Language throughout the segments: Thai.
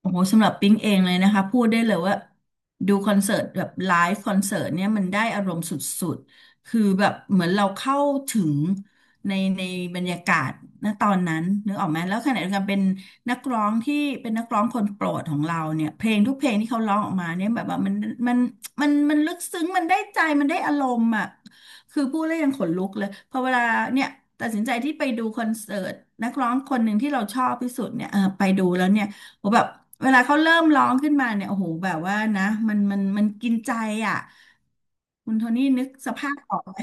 โอ้โหสำหรับปิ๊งเองเลยนะคะพูดได้เลยว่าดูคอนเสิร์ตแบบไลฟ์คอนเสิร์ตเนี่ยมันได้อารมณ์สุดๆคือแบบเหมือนเราเข้าถึงในบรรยากาศณตอนนั้นนึกออกไหมแล้วขณะเดียวกันเป็นนักร้องที่เป็นนักร้องคนโปรดของเราเนี่ยเพลงทุกเพลงที่เขาร้องออกมาเนี่ยแบบว่ามันมันลึกซึ้งมันได้ใจมันได้อารมณ์อ่ะคือพูดแล้วยังขนลุกเลยพอเวลาเนี่ยตัดสินใจที่ไปดูคอนเสิร์ตนักร้องคนหนึ่งที่เราชอบที่สุดเนี่ยเออไปดูแล้วเนี่ย โอ้แบบเวลาเขาเริ่มร้องขึ้นมาเนี่ยโอ้โหแบบว่านะมันกินใจอ่ะคุณโทนี่นึกสภาพออกไหม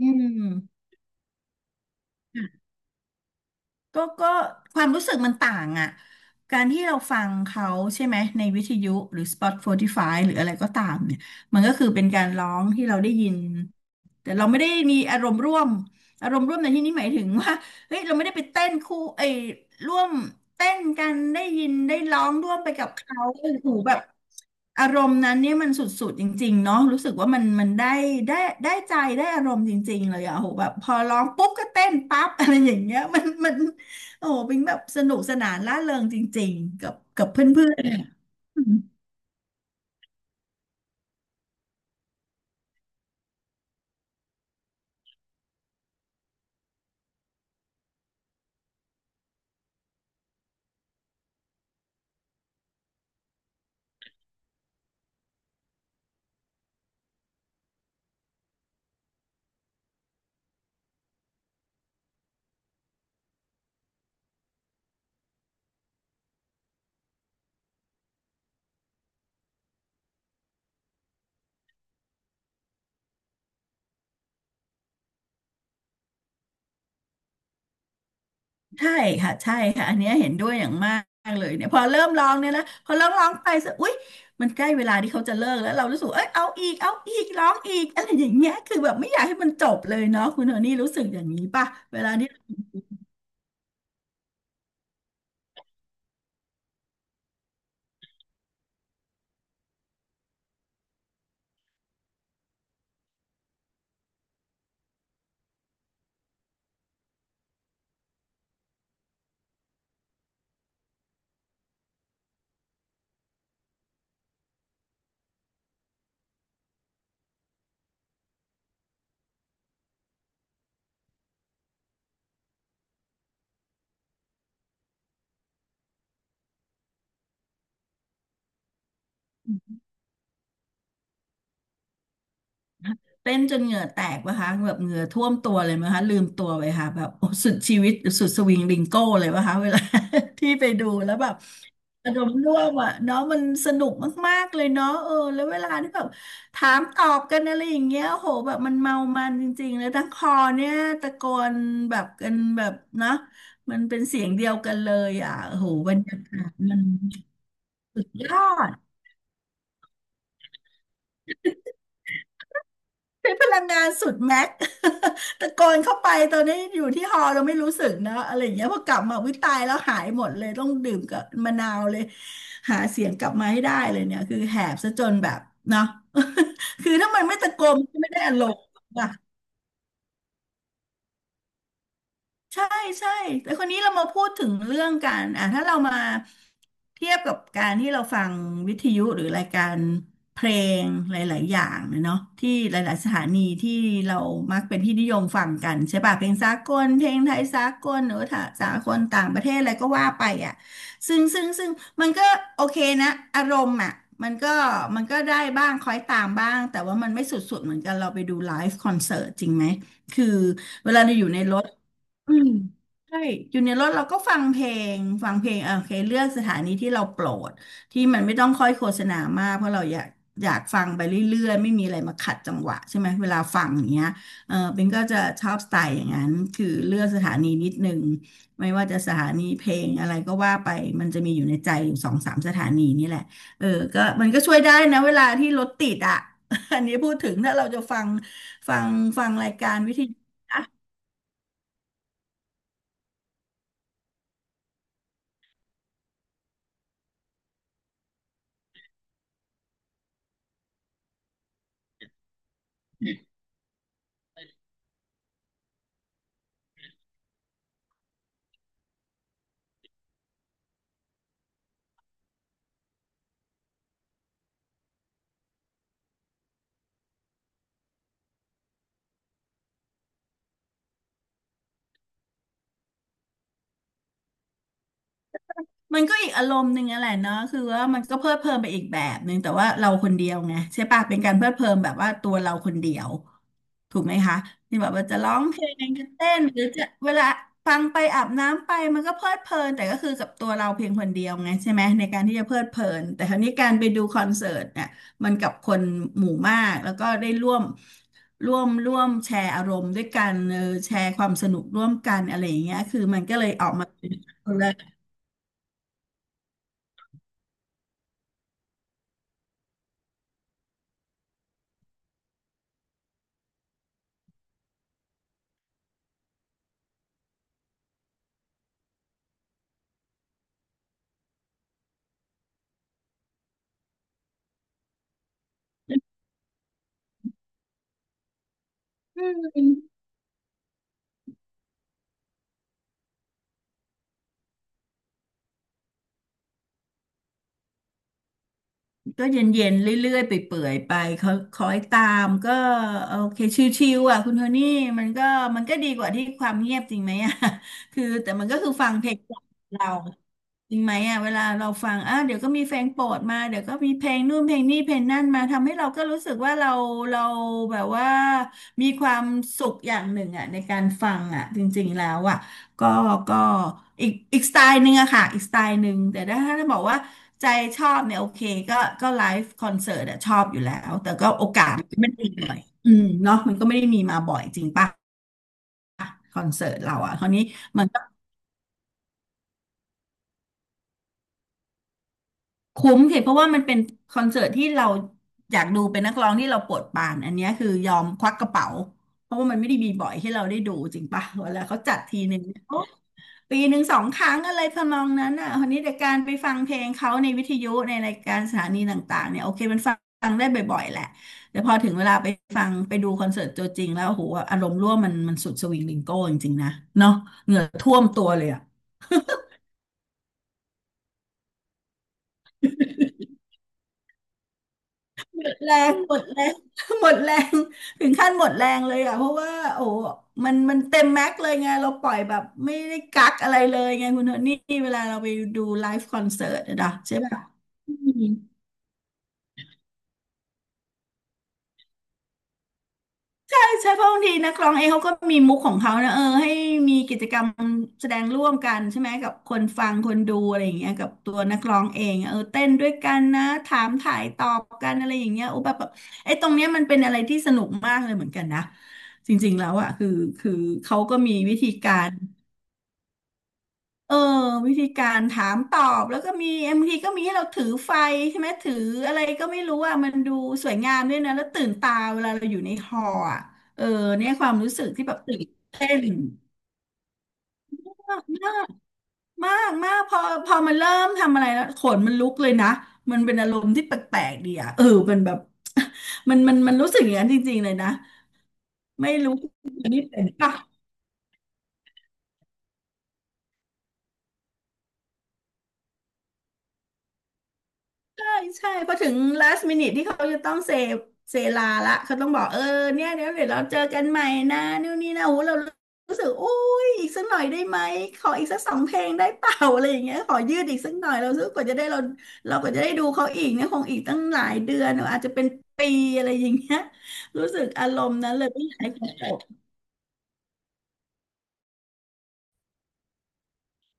อืม ก็ความรู้สึกมันต่างอ่ะการที่เราฟังเขาใช่ไหมในวิทยุหรือ Spotify หรืออะไรก็ตามเนี่ยมันก็คือเป็นการร้องที่เราได้ยินแต่เราไม่ได้มีอารมณ์ร่วมอารมณ์ร่วมในที่นี้หมายถึงว่าเฮ้ยเราไม่ได้ไปเต้นคู่ไอ้ยร่วมเต้นกันได้ยินได้ร้องร่วมไปกับเขาโอ้โหแบบอารมณ์นั้นเนี่ยมันสุดๆจริงๆเนาะรู้สึกว่ามันมันได้ได้ใจได้อารมณ์จริงๆเลยอะโหแบบพอร้องปุ๊บก็เต้นปั๊บอะไรอย่างเงี้ยมัน โอ้ปิงแบบสนุกสนานร่าเริงจริงๆกับกับเพื่อนๆ ใช่ค่ะใช่ค่ะอันเนี้ยเห็นด้วยอย่างมากเลยเนี่ยพอเริ่มร้องเนี่ยนะพอเริ่มร้องไปสักอุ๊ยมันใกล้เวลาที่เขาจะเลิกแล้วเรารู้สึกเอ้ยเอาอีกเอาอีกร้องอีกอะไรอย่างเงี้ยคือแบบไม่อยากให้มันจบเลยเนาะคุณโทนี่รู้สึกอย่างนี้ป่ะเวลาที่ เต้นจนเหงื่อแตกปะคะแบบเหงื่อท่วมตัวเลยไหมคะลืมตัวไปค่ะแบบโอ้สุดชีวิตสุดสวิงลิงโก้เลยปะคะเวลา ที่ไปดูแล้วแบบอารมณ์ร่วมอ่ะเนาะมันสนุกมากๆเลยเนาะเออแล้วเวลาที่แบบถามตอบกันอะไรอย่างเงี้ยโหแบบมันเมามันจริงๆแล้วทั้งคอเนี่ยตะโกนแบบกันแบบเนาะมันเป็นเสียงเดียวกันเลยอ่ะโหบรรยากาศมันสุดยอด ใช้พลังงานสุดแม็ก ตะโกนเข้าไปตอนนี้อยู่ที่ฮอเราไม่รู้สึกนะอะไรอย่างเงี้ยพอกลับมาวิตายแล้วหายหมดเลยต้องดื่มกับมะนาวเลยหาเสียงกลับมาให้ได้เลยเนี่ยคือแหบซะจนแบบเนาะ คือถ้ามันไม่ตะโกนมันก็ไม่ได้อารมณ์ อะ ใช่ใช่แต่คนนี้เรามาพูดถึงเรื่องการอ่ะถ้าเรามาเทียบกับการที่เราฟังวิทยุหรือรายการเพลงหลายๆอย่างเนี่ยเนาะที่หลายๆสถานีที่เรามักเป็นที่นิยมฟังกันใช่ป่ะเพลงสากลเพลงไทยสากลหรือถ้าสากลต่างประเทศอะไรก็ว่าไปอ่ะซึ่งมันก็โอเคนะอารมณ์อ่ะมันก็มันก็ได้บ้างคล้อยตามบ้างแต่ว่ามันไม่สุดๆเหมือนกันเราไปดูไลฟ์คอนเสิร์ตจริงไหมคือเวลาเราอยู่ในรถ อืมใช่อยู่ในรถเราก็ฟังเพลงเออโอเคเลือกสถานีที่เราโปรดที่มันไม่ต้องค่อยโฆษณามากเพราะเราอยากฟังไปเรื่อยๆไม่มีอะไรมาขัดจังหวะใช่ไหมเวลาฟังอย่างเงี้ยเออเป็นก็จะชอบสไตล์อย่างนั้นคือเลือกสถานีนิดนึงไม่ว่าจะสถานีเพลงอะไรก็ว่าไปมันจะมีอยู่ในใจอยู่สองสามสถานีนี่แหละเออก็มันก็ช่วยได้นะเวลาที่รถติดอ่ะ อันนี้พูดถึงถ้าเราจะฟังฟังรายการวิทยุ มันก็อีกอารมณ์หนึ่งอะแหละเนาะคือว่ามันก็เพลิดเพลินไปอีกแบบหนึ่งแต่ว่าเราคนเดียวไงใช่ปะเป็นการเพลิดเพลินแบบว่าตัวเราคนเดียวถูกไหมคะนี่แบบว่าจะร้องเพลงจะเต้นหรือจะเวลาฟังไปอาบน้ำไปมันก็เพลิดเพลินแต่ก็คือกับตัวเราเพียงคนเดียวไงใช่ไหมในการที่จะเพลิดเพลินแต่คราวนี้การไปดูคอนเสิร์ตเนี่ยมันกับคนหมู่มากแล้วก็ได้ร่วมแชร์อารมณ์ด้วยกันเออแชร์ความสนุกร่วมกันอะไรอย่างเงี้ยคือมันก็เลยออกมาเป็น ก็เย็นๆเรื่อยๆไปเปื่อยๆไปเขาคอยตามก็โอเคชิวๆอ่ะคุณโทนี่มันก็มันก็ดีกว่าที่ความเงียบจริงไหม อ่ะ คือแต่มันก็คือฟังเพลงเรา จริงไหมอ่ะเวลาเราฟังอ่ะเดี๋ยวก็มีเพลงโปรดมาเดี๋ยวก็มีเพลงนู่นเพลงนี่เพลงนั่นมาทำให้เราก็รู้สึกว่าเราแบบว่ามีความสุขอย่างหนึ่งอ่ะในการฟังอ่ะจริงๆแล้วอ่ะก็ก็อีกสไตล์หนึ่งอะค่ะอีกสไตล์หนึ่งแต่ถ้าบอกว่าใจชอบเนี่ยโอเคก็ก็ไลฟ์คอนเสิร์ตอะชอบอยู่แล้วแต่ก็โอกาสมันไม่ได้มีบ่อยอืมเนาะมันก็ไม่ได้มีมาบ่อยจริงป่ะคอนเสิร์ตเราอ่ะคราวนี้มันก็ คุ้มสิเพราะว่ามันเป็นคอนเสิร์ตที่เราอยากดูเป็นนักร้องที่เราโปรดปรานอันเนี้ยคือยอมควักกระเป๋าเพราะว่ามันไม่ได้มีบ่อยให้เราได้ดูจริงปะเวลาเขาจัดทีหนึ่งเนี่ยโอ๊ะปีหนึ่งสองครั้งอะไรทำนองนั้นอ่ะคนนี้แต่การไปฟังเพลงเขาในวิทยุในรายการสถานีต่างๆเนี่ยโอเคมันฟังได้บ่อยๆแหละแต่พอถึงเวลาไปฟังไปดูคอนเสิร์ตตัวจริงแล้วโอ้โหอารมณ์ร่วมมันสุดสวิงลิงโก้จริงๆนะเนาะเหงื่อท่วมตัวเลยอะ แรงหมดแรง หมดแรงถึงขั้นหมดแรงเลยอ่ะเพราะว่าโอ้มันเต็มแม็กซ์เลยไงเราปล่อยแบบไม่ได้กักอะไรเลยไงคุณโทนี่เวลาเราไปดูไลฟ์คอนเสิร์ตอะนะใช่ป่ะอืม ใช่เพราะบางทีนักร้องเองเขาก็มีมุกของเขานะเออให้มีกิจกรรมแสดงร่วมกันใช่ไหมกับคนฟังคนดูอะไรอย่างเงี้ยกับตัวนักร้องเองเออเต้นด้วยกันนะถามถ่ายตอบกันอะไรอย่างเงี้ยโอ้แบบไอ้ตรงเนี้ยมันเป็นอะไรที่สนุกมากเลยเหมือนกันนะจริงๆแล้วอะคือเขาก็มีวิธีการ เออวิธีการถามตอบแล้วก็มีบางทีก็มีให้เราถือไฟใช่ไหมถืออะไรก็ไม่รู้อ่ะมันดูสวยงามด้วยนะแล้วตื่นตาเวลาเราอยู่ในฮอลล์อ่ะเออเนี่ยความรู้สึกที่แบบตื่นเต้นมากมากมากมากพอมันเริ่มทำอะไรแล้วขนมันลุกเลยนะมันเป็นอารมณ์ที่แปลกๆดีอ่ะเออมันแบบ มันรู้สึกอย่างนั้นจริงๆเลยนะไม่รู้คุณนี่เป็นปะ ใช่ใช่พอถึง last minute ที่เขาจะต้องเซลาละเขาต้องบอกเออเนี่ยเดี๋ยวเราเจอกันใหม่นะนู่นนี่นะโอ้โหเรารู้สึกโอ้ยอีกสักหน่อยได้ไหมขออีกสักสองเพลงได้เปล่าอะไรอย่างเงี้ยขอยืดอีกสักหน่อยเราซื้อกว่าจะได้เราก็จะได้ดูเขาอีกเนี่ยคงอีกตั้งหลายเดือนอาจจะเป็นปีอะไรอย่างเงี้ยรู้สึกอารมณ์นั้นเลยไม่อยากให้เขาจบ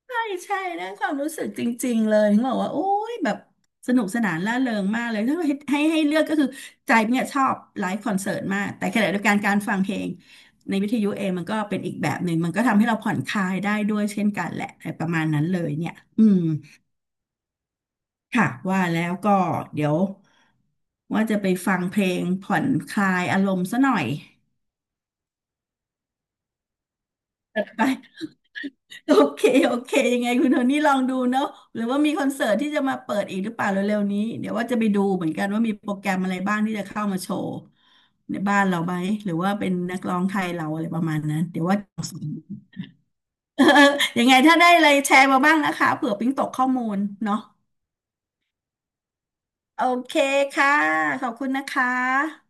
ใช่ใช่เรื่องความรู้สึกจริงๆเลยถึงบอกว่าโอ้ยแบบสนุกสนานร่าเริงมากเลยถ้าให้เลือกก็คือใจเนี่ยชอบไลฟ์คอนเสิร์ตมากแต่ขณะเดียวกันการฟังเพลงในวิทยุเองมันก็เป็นอีกแบบหนึ่งมันก็ทำให้เราผ่อนคลายได้ด้วยเช่นกันแหละอะไรประมาณนั้นเลยเนี่ยอืมค่ะว่าแล้วก็เดี๋ยวว่าจะไปฟังเพลงผ่อนคลายอารมณ์ซะหน่อยไป โอเคโอเค ยังไงคุณโทนี่ลองดูเนาะ หรือว่ามีคอนเสิร์ตที่จะมาเปิดอีกหรือเปล่าเร็วๆนี้เดี๋ยวว่าจะไปดูเหมือนกันว่ามีโปรแกรมอะไรบ้างที่จะเข้ามาโชว์ในบ้านเราไหมหรือว่าเป็นนักร้องไทยเราอะไรประมาณนั้นเดี๋ยวว่า เออยังไงถ้าได้อะไรแชร์มาบ้างนะคะเผื่อปิ๊งตกข้อมูลเนาะโอเคค่ะขอบคุณนะคะ